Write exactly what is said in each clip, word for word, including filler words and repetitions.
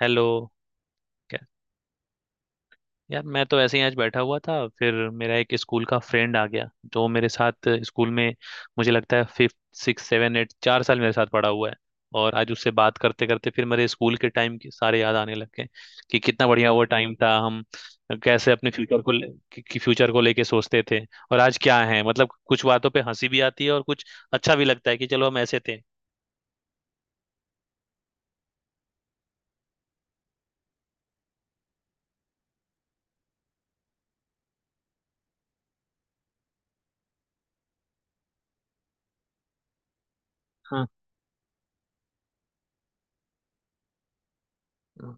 Hello. क्या? यार, मैं तो ऐसे ही आज बैठा हुआ था। फिर मेरा एक स्कूल का फ्रेंड आ गया, जो मेरे साथ स्कूल में, मुझे लगता है, फिफ्थ सिक्स सेवन एट, चार साल मेरे साथ पढ़ा हुआ है। और आज उससे बात करते करते फिर मेरे स्कूल के टाइम के सारे याद आने लग गए कि कितना बढ़िया वो टाइम था, हम कैसे अपने फ्यूचर को ले- कि, कि फ्यूचर को लेके सोचते थे। और आज क्या है, मतलब कुछ बातों पे हंसी भी आती है और कुछ अच्छा भी लगता है कि चलो हम ऐसे थे। हाँ,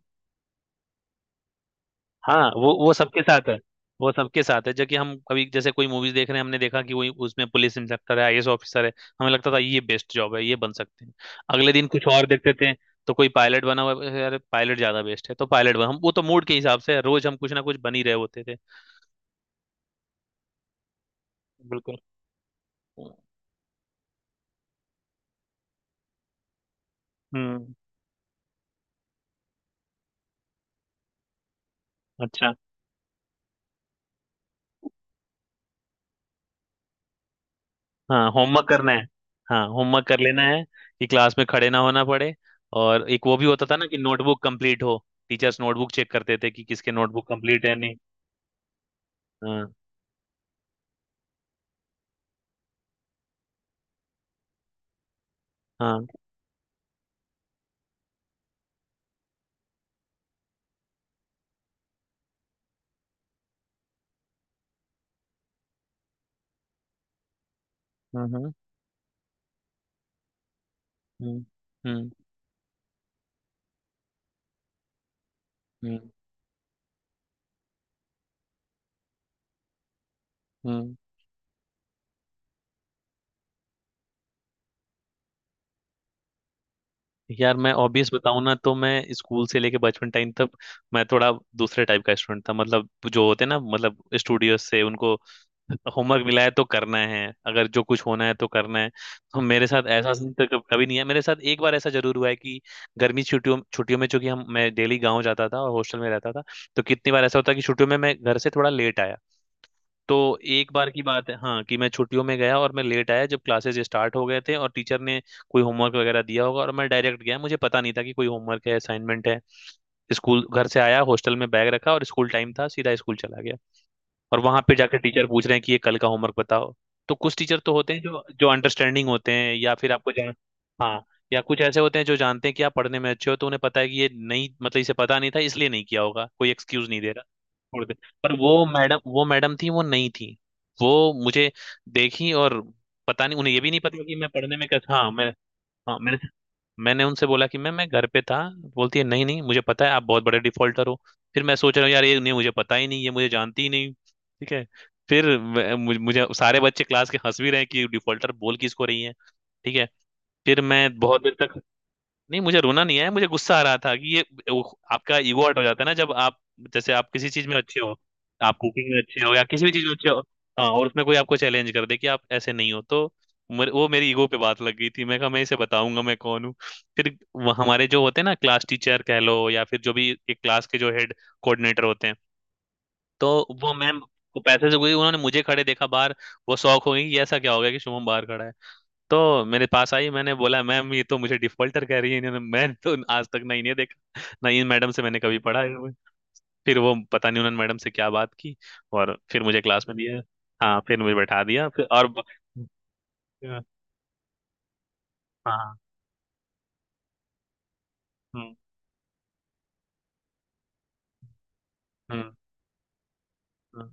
हाँ। वो वो सबके साथ है। वो सबके साथ है। जबकि हम कभी, जैसे, कोई मूवीज देख रहे हैं, हमने देखा कि वही उसमें पुलिस इंस्पेक्टर है, आई ए एस ऑफिसर है, हमें लगता था ये बेस्ट जॉब है, ये बन सकते हैं। अगले दिन कुछ और देखते थे तो कोई पायलट बना हुआ है, यार पायलट ज्यादा बेस्ट है तो पायलट बना। हम वो तो मूड के हिसाब से है, रोज हम कुछ ना कुछ बन ही रहे होते थे। बिल्कुल। हम्म। अच्छा। हाँ, होमवर्क करना है। हाँ, होमवर्क कर लेना है कि क्लास में खड़े ना होना पड़े। और एक वो भी होता था ना कि नोटबुक कंप्लीट हो, टीचर्स नोटबुक चेक करते थे कि किसके नोटबुक कंप्लीट है, नहीं। हाँ। हाँ। हम्म। हम्म। हम्म। हम्म। हम्म। हम्म। यार, मैं ऑब्वियस बताऊं ना तो मैं स्कूल से लेके बचपन टाइम तक, मैं थोड़ा दूसरे टाइप का स्टूडेंट था। मतलब जो होते ना, मतलब स्टूडियो से, उनको होमवर्क मिला है तो करना है, अगर जो कुछ होना है तो करना है। तो मेरे साथ ऐसा सीन तो कभ- कभी नहीं है। मेरे साथ एक बार ऐसा जरूर हुआ है कि गर्मी छुट्टियों छुट्टियों में, चूंकि हम मैं डेली गांव जाता था और हॉस्टल में रहता था, तो कितनी बार ऐसा होता कि छुट्टियों में मैं घर से थोड़ा लेट आया तो, एक बार की बात है, हाँ, कि मैं छुट्टियों में गया और मैं लेट आया जब क्लासेस स्टार्ट हो गए थे और टीचर ने कोई होमवर्क वगैरह दिया होगा और मैं डायरेक्ट गया, मुझे पता नहीं था कि कोई होमवर्क है, असाइनमेंट है। स्कूल घर से आया, हॉस्टल में बैग रखा और स्कूल टाइम था, सीधा स्कूल चला गया। और वहां पे जाकर टीचर पूछ रहे हैं कि ये कल का होमवर्क बताओ। तो कुछ टीचर तो होते हैं जो जो अंडरस्टैंडिंग होते हैं, या फिर आपको जान, हाँ, या कुछ ऐसे होते हैं जो जानते हैं कि आप पढ़ने में अच्छे हो, तो उन्हें पता है कि ये नहीं, मतलब इसे पता नहीं था इसलिए नहीं किया होगा, कोई एक्सक्यूज नहीं दे रहा, छोड़ दे। पर वो मैडम, वो मैडम थी, वो नहीं थी। वो मुझे देखी और पता नहीं, उन्हें ये भी नहीं पता कि मैं पढ़ने में कैसा, हाँ, मैं। हाँ, मेरे मैंने उनसे बोला कि मैम मैं घर पे था, बोलती है नहीं नहीं मुझे पता है आप बहुत बड़े डिफॉल्टर हो। फिर मैं सोच रहा हूँ, यार, ये नहीं, मुझे पता ही नहीं, ये मुझे जानती ही नहीं, ठीक है। फिर मैं- मुझे मुझे- सारे बच्चे क्लास के हंस भी रहे हैं कि डिफॉल्टर बोल किसको रही है, ठीक है। फिर मैं बहुत देर तक, नहीं, मुझे रोना नहीं है, मुझे गुस्सा आ रहा था कि ये, वो, आपका ईगो आउट हो जाता है ना जब आप, जैसे, आप किसी चीज में अच्छे हो, आप कुकिंग में अच्छे हो या किसी भी चीज में अच्छे हो। हाँ और उसमें कोई आपको चैलेंज कर दे कि आप ऐसे नहीं हो तो मेरे- वो मेरी ईगो पे बात लग गई थी, मैं कहा मैं इसे बताऊंगा मैं कौन हूँ। फिर वो हमारे जो होते हैं ना, क्लास टीचर कह लो या फिर जो भी एक क्लास के जो हेड कोऑर्डिनेटर होते हैं, तो वो मैम को पैसे से गई, उन्होंने मुझे खड़े देखा बाहर। वो शौक हो गई कि ऐसा क्या हो गया कि शुभम बाहर खड़ा है। तो मेरे पास आई, मैंने बोला मैम ये तो मुझे डिफॉल्टर कह रही है, इन्होंने, मैं तो आज तक नहीं नहीं देखा ना, इन मैडम से मैंने कभी पढ़ा है। फिर वो, पता नहीं उन्होंने मैडम से क्या बात की, और फिर मुझे क्लास में दिया। हाँ, फिर मुझे बैठा दिया फिर और ब- हाँ। हाँ। हम्म। हम्म। हम्म।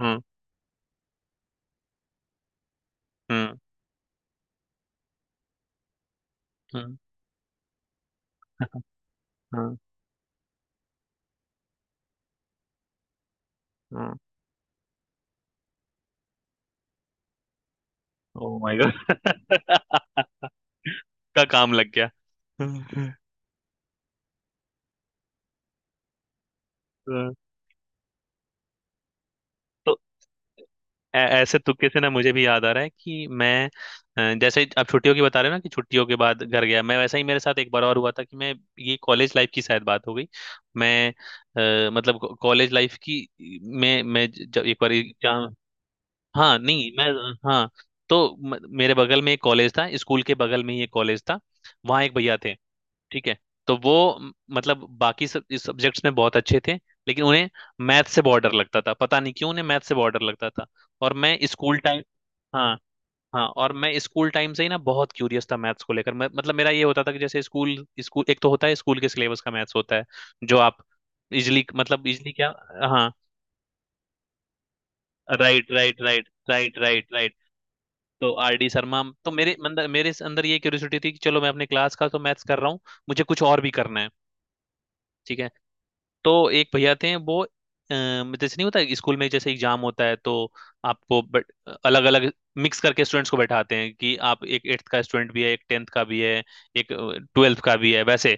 हम्म। हम्म। हम्म। हम्म। Oh my God! का काम लग गया। हम्म। हम्म। तो ऐ- ऐसे तुक्के से ना मुझे भी याद आ रहा है कि मैं, अ, जैसे आप छुट्टियों की बता रहे हो ना कि छुट्टियों के बाद घर गया, मैं वैसा ही मेरे साथ एक बार और हुआ था कि मैं, ये कॉलेज लाइफ की शायद बात हो गई। मैं, अ, मतलब कॉलेज लाइफ की। मैं मैं ज- जब एक बार एग्जाम, हाँ, नहीं, मैं, हाँ। तो म, मेरे बगल में एक कॉलेज था, स्कूल के बगल में ही एक कॉलेज था, वहाँ एक भैया थे, ठीक है। तो वो, म- मतलब बाकी सब इस सब्जेक्ट्स में बहुत अच्छे थे, लेकिन उन्हें मैथ से बहुत डर लगता था, पता नहीं क्यों उन्हें मैथ से बहुत डर लगता था। और मैं स्कूल टाइम, हाँ। हाँ। और मैं स्कूल टाइम से ही ना बहुत क्यूरियस था मैथ्स को लेकर। मैं, मतलब मेरा ये होता था कि जैसे स्कूल, स्कूल एक तो होता है स्कूल के सिलेबस का मैथ्स होता है, जो आप इजली, मतलब इजली क्या, हाँ, right, right, right, right, right, right. तो आर डी शर्मा, तो मेरे अंदर, मेरे अंदर ये क्यूरियोसिटी थी कि चलो मैं अपने क्लास का तो मैथ्स कर रहा हूँ, मुझे कुछ और भी करना है। ठीक है। तो एक भैया थे, वो, अ, जैसे नहीं होता स्कूल में, जैसे एग्जाम होता है तो आपको अलग अलग मिक्स करके स्टूडेंट्स को बैठाते हैं कि आप एक एट्थ का स्टूडेंट भी है, एक टेंथ का भी है, एक ट्वेल्थ का भी है, वैसे।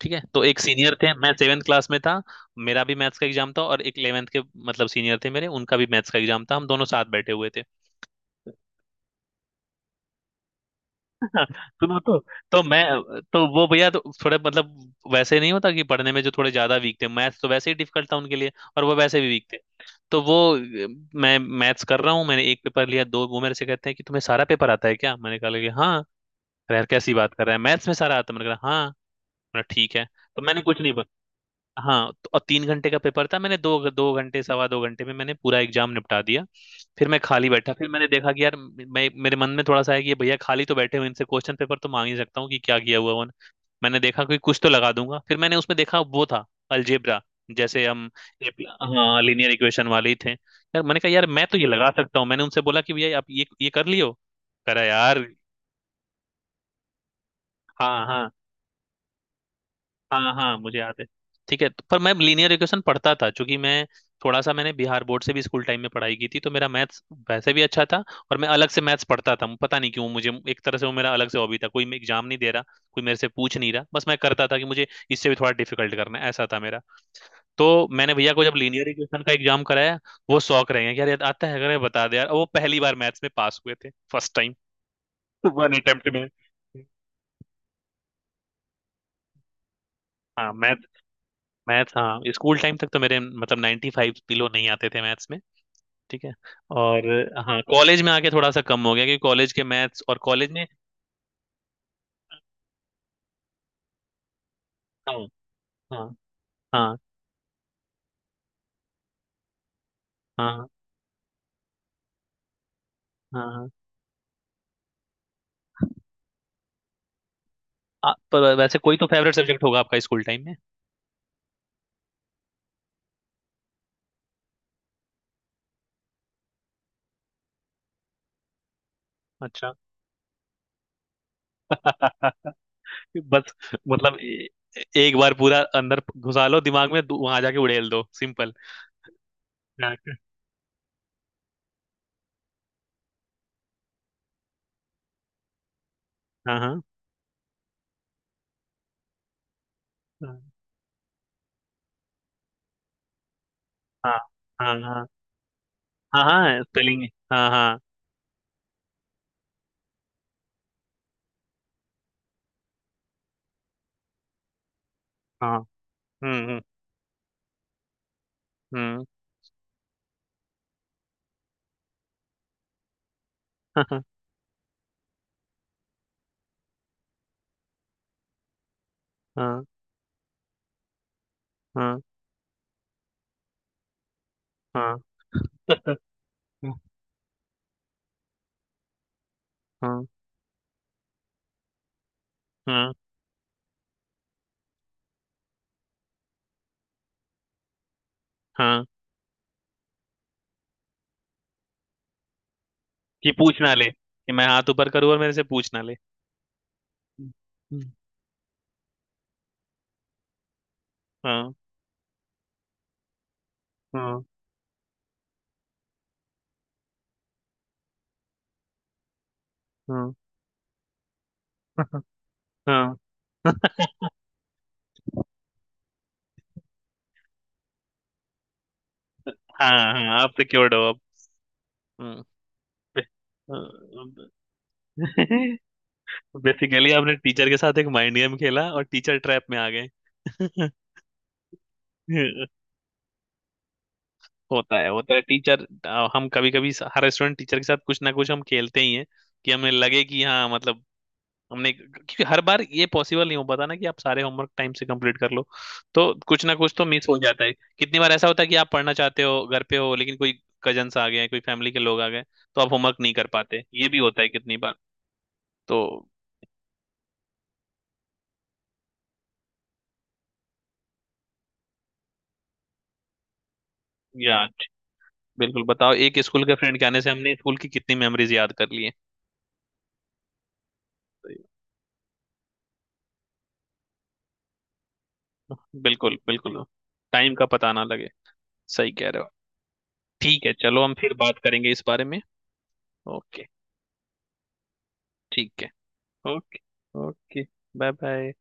ठीक है। तो एक सीनियर थे, मैं सेवेंथ क्लास में था, मेरा भी मैथ्स का एग्जाम था और एक इलेवेंथ के, मतलब सीनियर थे मेरे, उनका भी मैथ्स का एग्जाम था, हम दोनों साथ बैठे हुए थे। हाँ, सुनो तो तो मैं, तो वो भैया तो थोड़े, मतलब वैसे नहीं होता कि पढ़ने में जो थोड़े ज्यादा वीक थे, मैथ्स तो वैसे ही डिफिकल्ट था उनके लिए और वो वैसे भी वीक थे। तो वो, अ, मैं मैथ्स कर रहा हूँ, मैंने एक पेपर लिया, दो वो मेरे से कहते हैं कि तुम्हें सारा पेपर आता है क्या, मैंने कहा कि हाँ, यार कैसी बात कर रहा है मैथ्स में सारा आता है, मैंने कहा हाँ, मैंने कहा, ठीक है। तो मैंने कुछ नहीं, हाँ, तो, और तीन घंटे का पेपर था, मैंने दो दो घंटे, सवा दो घंटे में मैंने पूरा एग्जाम निपटा दिया। फिर मैं खाली बैठा, फिर मैंने देखा कि यार, मैं, मेरे मन में थोड़ा सा है कि ये भैया खाली तो बैठे हुए, इनसे क्वेश्चन पेपर तो मांग ही सकता हूँ कि क्या किया हुआ उन्होंने, मैंने देखा कि कुछ तो लगा दूंगा। फिर मैंने उसमें देखा वो था अलजेब्रा, जैसे हम, एक- हाँ, लीनियर इक्वेशन वाले ही थे यार, मैंने कहा यार मैं तो ये लगा सकता हूँ, मैंने उनसे बोला कि भैया आप ये ये कर लियो, करा यार। हाँ। हाँ। हाँ। हाँ। मुझे याद है। ठीक है। तो- पर मैं लीनियर इक्वेशन पढ़ता था क्योंकि मैं, थोड़ा सा मैंने बिहार बोर्ड से भी स्कूल टाइम में पढ़ाई की थी, तो मेरा मैथ्स वैसे भी अच्छा था और मैं अलग से मैथ्स पढ़ता था। पता नहीं क्यों, मुझे एक तरह से वो मेरा अलग से हॉबी था, कोई मैं एग्जाम नहीं दे रहा, कोई मेरे से पूछ नहीं रहा, बस मैं करता था कि मुझे इससे भी थोड़ा डिफिकल्ट करना है, ऐसा था मेरा। तो मैंने भैया को जब लीनियर इक्वेशन का एग्जाम कराया, वो शौक रहे हैं कि यार, यार आता है, अगर मैं बता दे यार, और वो पहली बार मैथ्स में पास हुए थे, फर्स्ट टाइम, वन अटेम्प्ट में। हाँ। मैं, मैथ, हाँ, स्कूल टाइम तक तो मेरे, मतलब नाइन्टी फ़ाइव बिलो नहीं आते थे मैथ्स में। ठीक है। और, हाँ, कॉलेज में आके थोड़ा सा कम हो गया क्योंकि कॉलेज के मैथ्स और कॉलेज में, हाँ। हाँ। हाँ। हाँ। हाँ। हाँ। आ, पर वैसे कोई तो फेवरेट सब्जेक्ट होगा आपका स्कूल टाइम में? अच्छा। बस, मतलब, ए, एक बार पूरा अंदर घुसा लो दिमाग में, वहां जाके उड़ेल दो, सिंपल। हाँ। हाँ। हाँ। हाँ। हाँ। हाँ। हाँ। हाँ, स्पेलिंग। हाँ। हाँ। हाँ। हम्म। हम्म। हम्म। हाँ। हाँ। हाँ। हाँ। हाँ। हाँ। हाँ, कि पूछ ना ले कि मैं हाथ ऊपर करूँ और मेरे से पूछ ना ले। हम्म। हाँ। हाँ। हाँ। हाँ। हाँ। हाँ, आप सिक्योर्ड हो अब। बेसिकली, आपने टीचर के साथ एक माइंड गेम खेला और टीचर ट्रैप में आ गए। होता है, होता है टीचर। हम कभी कभी, हर स्टूडेंट टीचर के साथ कुछ ना कुछ हम खेलते ही हैं कि हमें लगे कि, हाँ, मतलब हमने, क्योंकि हर बार ये पॉसिबल नहीं हो पाता ना कि आप सारे होमवर्क टाइम से कंप्लीट कर लो, तो कुछ ना कुछ तो मिस हो जाता है। कितनी बार ऐसा होता है कि आप पढ़ना चाहते हो, घर पे हो लेकिन कोई कजन्स आ गए, कोई फैमिली के लोग आ गए, तो आप होमवर्क नहीं कर पाते, ये भी होता है कितनी बार। तो, या, बिल्कुल, बताओ, एक स्कूल के फ्रेंड के आने से हमने स्कूल की कितनी मेमोरीज याद कर ली है। तो, बिल्कुल, बिल्कुल। टाइम का पता ना लगे। सही कह रहे हो। ठीक है, चलो हम फिर बात करेंगे इस बारे में। ओके। ठीक है। ओके। ओके। बाय। बाय।